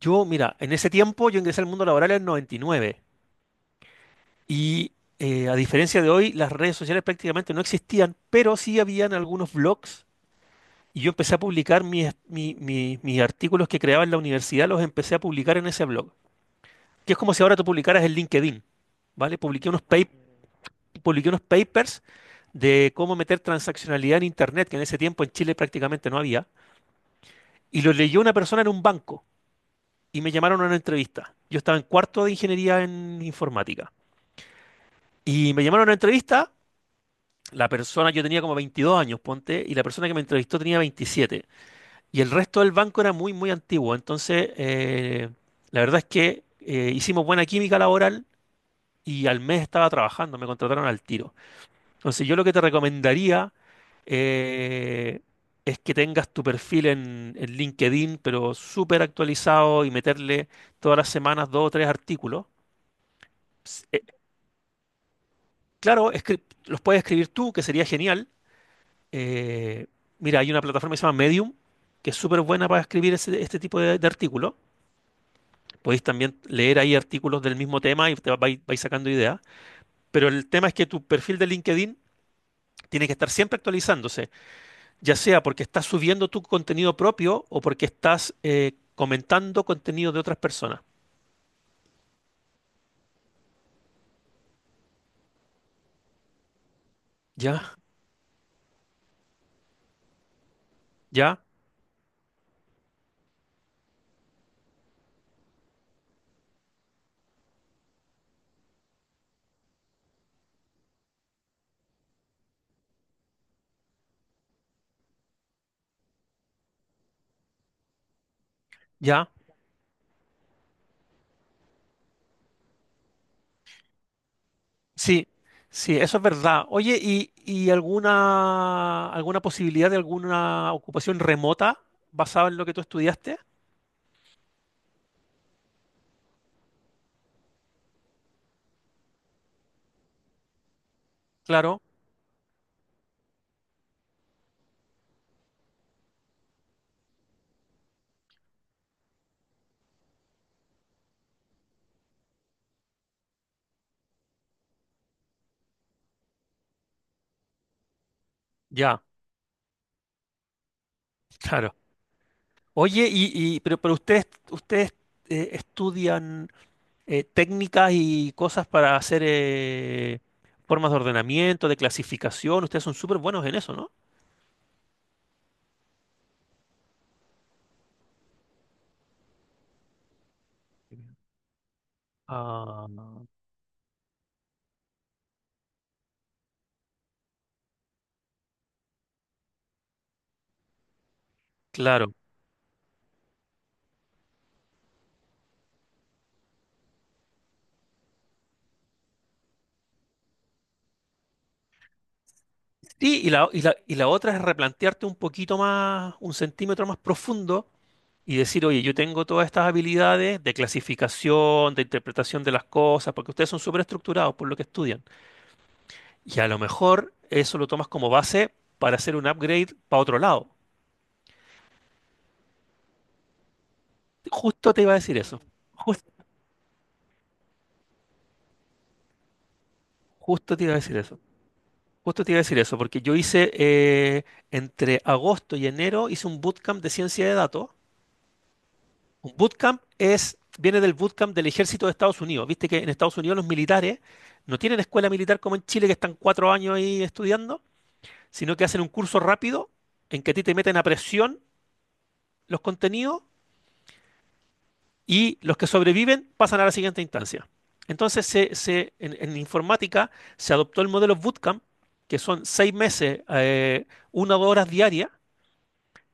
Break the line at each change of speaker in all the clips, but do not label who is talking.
Yo, mira, en ese tiempo yo ingresé al mundo laboral en 99 y nueve y a diferencia de hoy, las redes sociales prácticamente no existían, pero sí habían algunos blogs y yo empecé a publicar mis artículos que creaba en la universidad, los empecé a publicar en ese blog, que es como si ahora tú publicaras en LinkedIn, ¿vale? Publiqué unos papers de cómo meter transaccionalidad en Internet, que en ese tiempo en Chile prácticamente no había, y lo leyó una persona en un banco y me llamaron a una entrevista. Yo estaba en cuarto de ingeniería en informática. Y me llamaron a una entrevista. La persona, yo tenía como 22 años, ponte, y la persona que me entrevistó tenía 27. Y el resto del banco era muy, muy antiguo. Entonces, la verdad es que hicimos buena química laboral y al mes estaba trabajando, me contrataron al tiro. Entonces, yo lo que te recomendaría eh, es que tengas tu perfil en LinkedIn, pero súper actualizado y meterle todas las semanas dos o tres artículos. eh, claro, los puedes escribir tú, que sería genial. Eh, mira, hay una plataforma que se llama Medium, que es súper buena para escribir este tipo de artículos. Podéis también leer ahí artículos del mismo tema y vais sacando ideas. Pero el tema es que tu perfil de LinkedIn tiene que estar siempre actualizándose, ya sea porque estás subiendo tu contenido propio o porque estás comentando contenido de otras personas. Ya, ya, ya. Sí, sí, eso es verdad. Oye, ¿y alguna posibilidad de alguna ocupación remota basada en lo que tú estudiaste? Claro, ya, claro. Oye, pero ustedes estudian técnicas y cosas para hacer formas de ordenamiento, de clasificación. Ustedes son súper buenos en eso, ¿no? Ah, claro. Sí, y la otra es replantearte un poquito más, un centímetro más profundo y decir, oye, yo tengo todas estas habilidades de clasificación, de interpretación de las cosas, porque ustedes son súper estructurados por lo que estudian. Y a lo mejor eso lo tomas como base para hacer un upgrade para otro lado. Justo te iba a decir eso. Jus- justo te iba a decir eso. Justo te iba a decir eso, porque yo hice entre agosto y enero hice un bootcamp de ciencia de datos. Un bootcamp es, viene del bootcamp del ejército de Estados Unidos. Viste que en Estados Unidos los militares no tienen escuela militar como en Chile, que están 4 años ahí estudiando, sino que hacen un curso rápido en que a ti te meten a presión los contenidos y los que sobreviven pasan a la siguiente instancia. Entonces, en informática se adoptó el modelo bootcamp, que son 6 meses, una o dos horas diarias,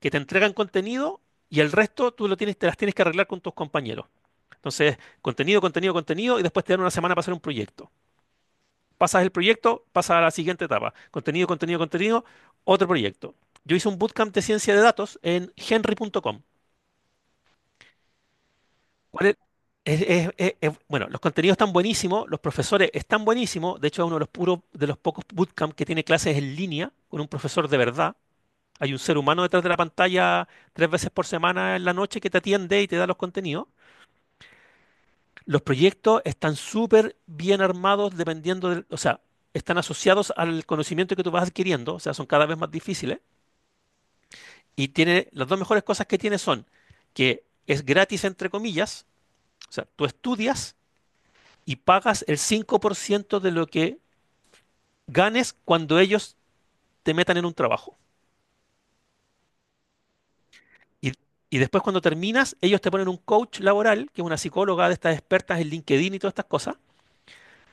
que te entregan contenido y el resto tú lo tienes, te las tienes que arreglar con tus compañeros. Entonces, contenido, contenido, contenido, y después te dan una semana para hacer un proyecto. Pasas el proyecto, pasas a la siguiente etapa. Contenido, contenido, contenido, otro proyecto. Yo hice un bootcamp de ciencia de datos en henry.com. ¿Cuál es? Bueno, los contenidos están buenísimos, los profesores están buenísimos. De hecho, es uno de los, puros, de los pocos bootcamp que tiene clases en línea con un profesor de verdad. Hay un ser humano detrás de la pantalla tres veces por semana en la noche que te atiende y te da los contenidos. Los proyectos están súper bien armados dependiendo del, o sea, están asociados al conocimiento que tú vas adquiriendo, o sea, son cada vez más difíciles. Y tiene, las dos mejores cosas que tiene son que es gratis, entre comillas, o sea, tú estudias y pagas el 5% de lo que ganes cuando ellos te metan en un trabajo. Y, y después cuando terminas, ellos te ponen un coach laboral, que es una psicóloga de estas expertas en LinkedIn y todas estas cosas,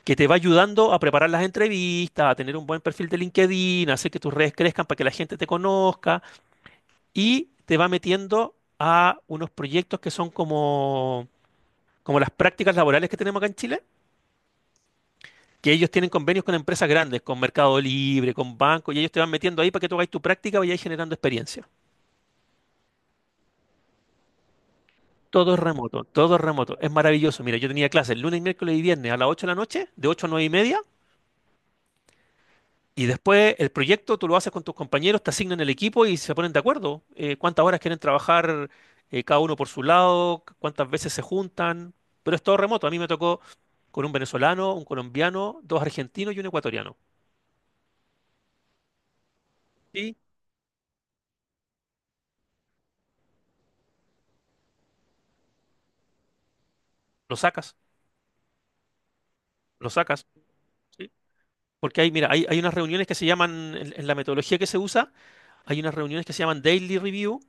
que te va ayudando a preparar las entrevistas, a tener un buen perfil de LinkedIn, a hacer que tus redes crezcan para que la gente te conozca y te va metiendo a unos proyectos que son como, como las prácticas laborales que tenemos acá en Chile, que ellos tienen convenios con empresas grandes, con Mercado Libre, con bancos, y ellos te van metiendo ahí para que tú hagas tu práctica y vayas generando experiencia. Todo es remoto, todo es remoto. Es maravilloso. Mira, yo tenía clases lunes, miércoles y viernes a las 8 de la noche, de 8 a 9:30, y después el proyecto tú lo haces con tus compañeros, te asignan el equipo y se ponen de acuerdo. Cuántas horas quieren trabajar cada uno por su lado, cuántas veces se juntan, pero es todo remoto. A mí me tocó con un venezolano, un colombiano, dos argentinos y un ecuatoriano. Sí, lo sacas, lo sacas. Sí. Porque mira, hay unas reuniones que se llaman, en la metodología que se usa, hay unas reuniones que se llaman daily review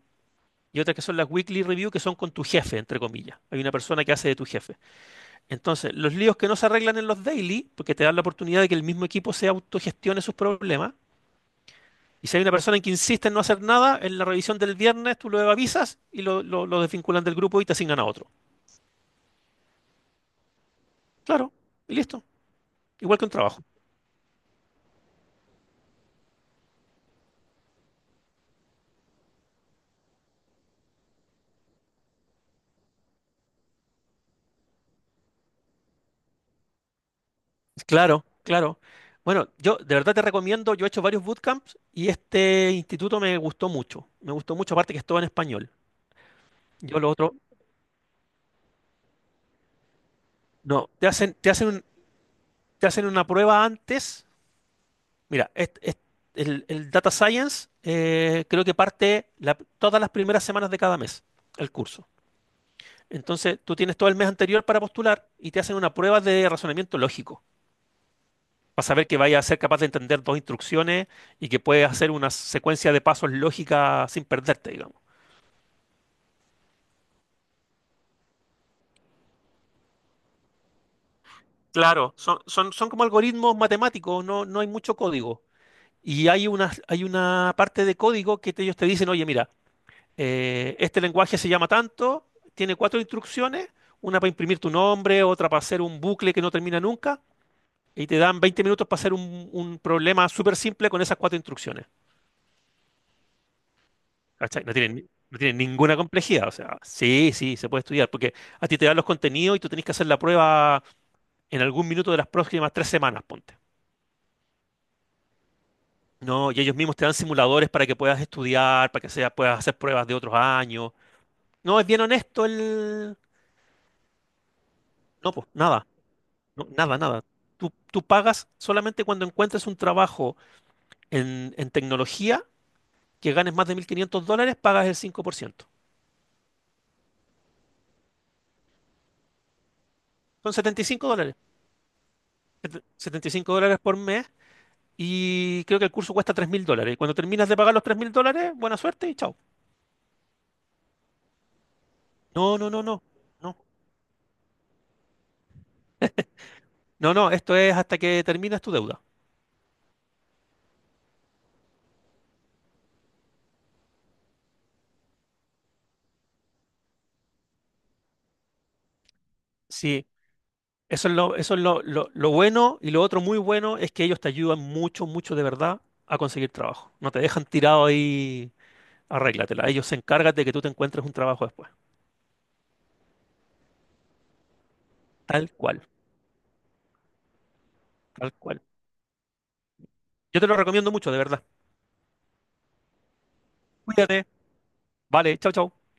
y otras que son las weekly review, que son con tu jefe, entre comillas. Hay una persona que hace de tu jefe. Entonces, los líos que no se arreglan en los daily, porque te dan la oportunidad de que el mismo equipo se autogestione sus problemas. Y si hay una persona que insiste en no hacer nada, en la revisión del viernes tú lo avisas y lo desvinculan del grupo y te asignan a otro. Claro, y listo. Igual que un trabajo. Claro, claro. Bueno, yo de verdad te recomiendo, yo he hecho varios bootcamps y este instituto me gustó mucho. Me gustó mucho, aparte que es todo en español. Yo lo otro, no, te hacen una prueba antes. Mira, el Data Science, creo que parte todas las primeras semanas de cada mes, el curso. Entonces, tú tienes todo el mes anterior para postular y te hacen una prueba de razonamiento lógico, para saber que vaya a ser capaz de entender dos instrucciones y que puedes hacer una secuencia de pasos lógica sin perderte, digamos. Claro, son como algoritmos matemáticos, no hay mucho código. Y hay una parte de código que ellos te dicen, oye, mira, este lenguaje se llama tanto, tiene 4 instrucciones, una para imprimir tu nombre, otra para hacer un bucle que no termina nunca, y te dan 20 minutos para hacer un problema súper simple con esas 4 instrucciones. ¿Cachai? No tienen ninguna complejidad. O sea, sí, sí, se puede estudiar, porque a ti te dan los contenidos y tú tenés que hacer la prueba en algún minuto de las próximas 3 semanas, ponte. No, y ellos mismos te dan simuladores para que puedas estudiar, para que sea, puedas hacer pruebas de otros años. No, es bien honesto el... No, pues nada, no, nada, nada. Tú pagas solamente cuando encuentres un trabajo en tecnología que ganes más de 1.500 dólares, pagas el 5%. Son 75 dólares. 75 dólares por mes. Y creo que el curso cuesta 3.000 dólares. Y cuando terminas de pagar los 3.000 dólares, buena suerte y chao. No, no, no, no. No, no, no. Esto es hasta que terminas tu deuda. Sí, eso es lo bueno. Y lo otro muy bueno es que ellos te ayudan mucho, mucho de verdad a conseguir trabajo. No te dejan tirado ahí, arréglatela. Ellos se encargan de que tú te encuentres un trabajo después. Tal cual, tal cual. Yo te lo recomiendo mucho, de verdad. Cuídate. Vale, chao, chao.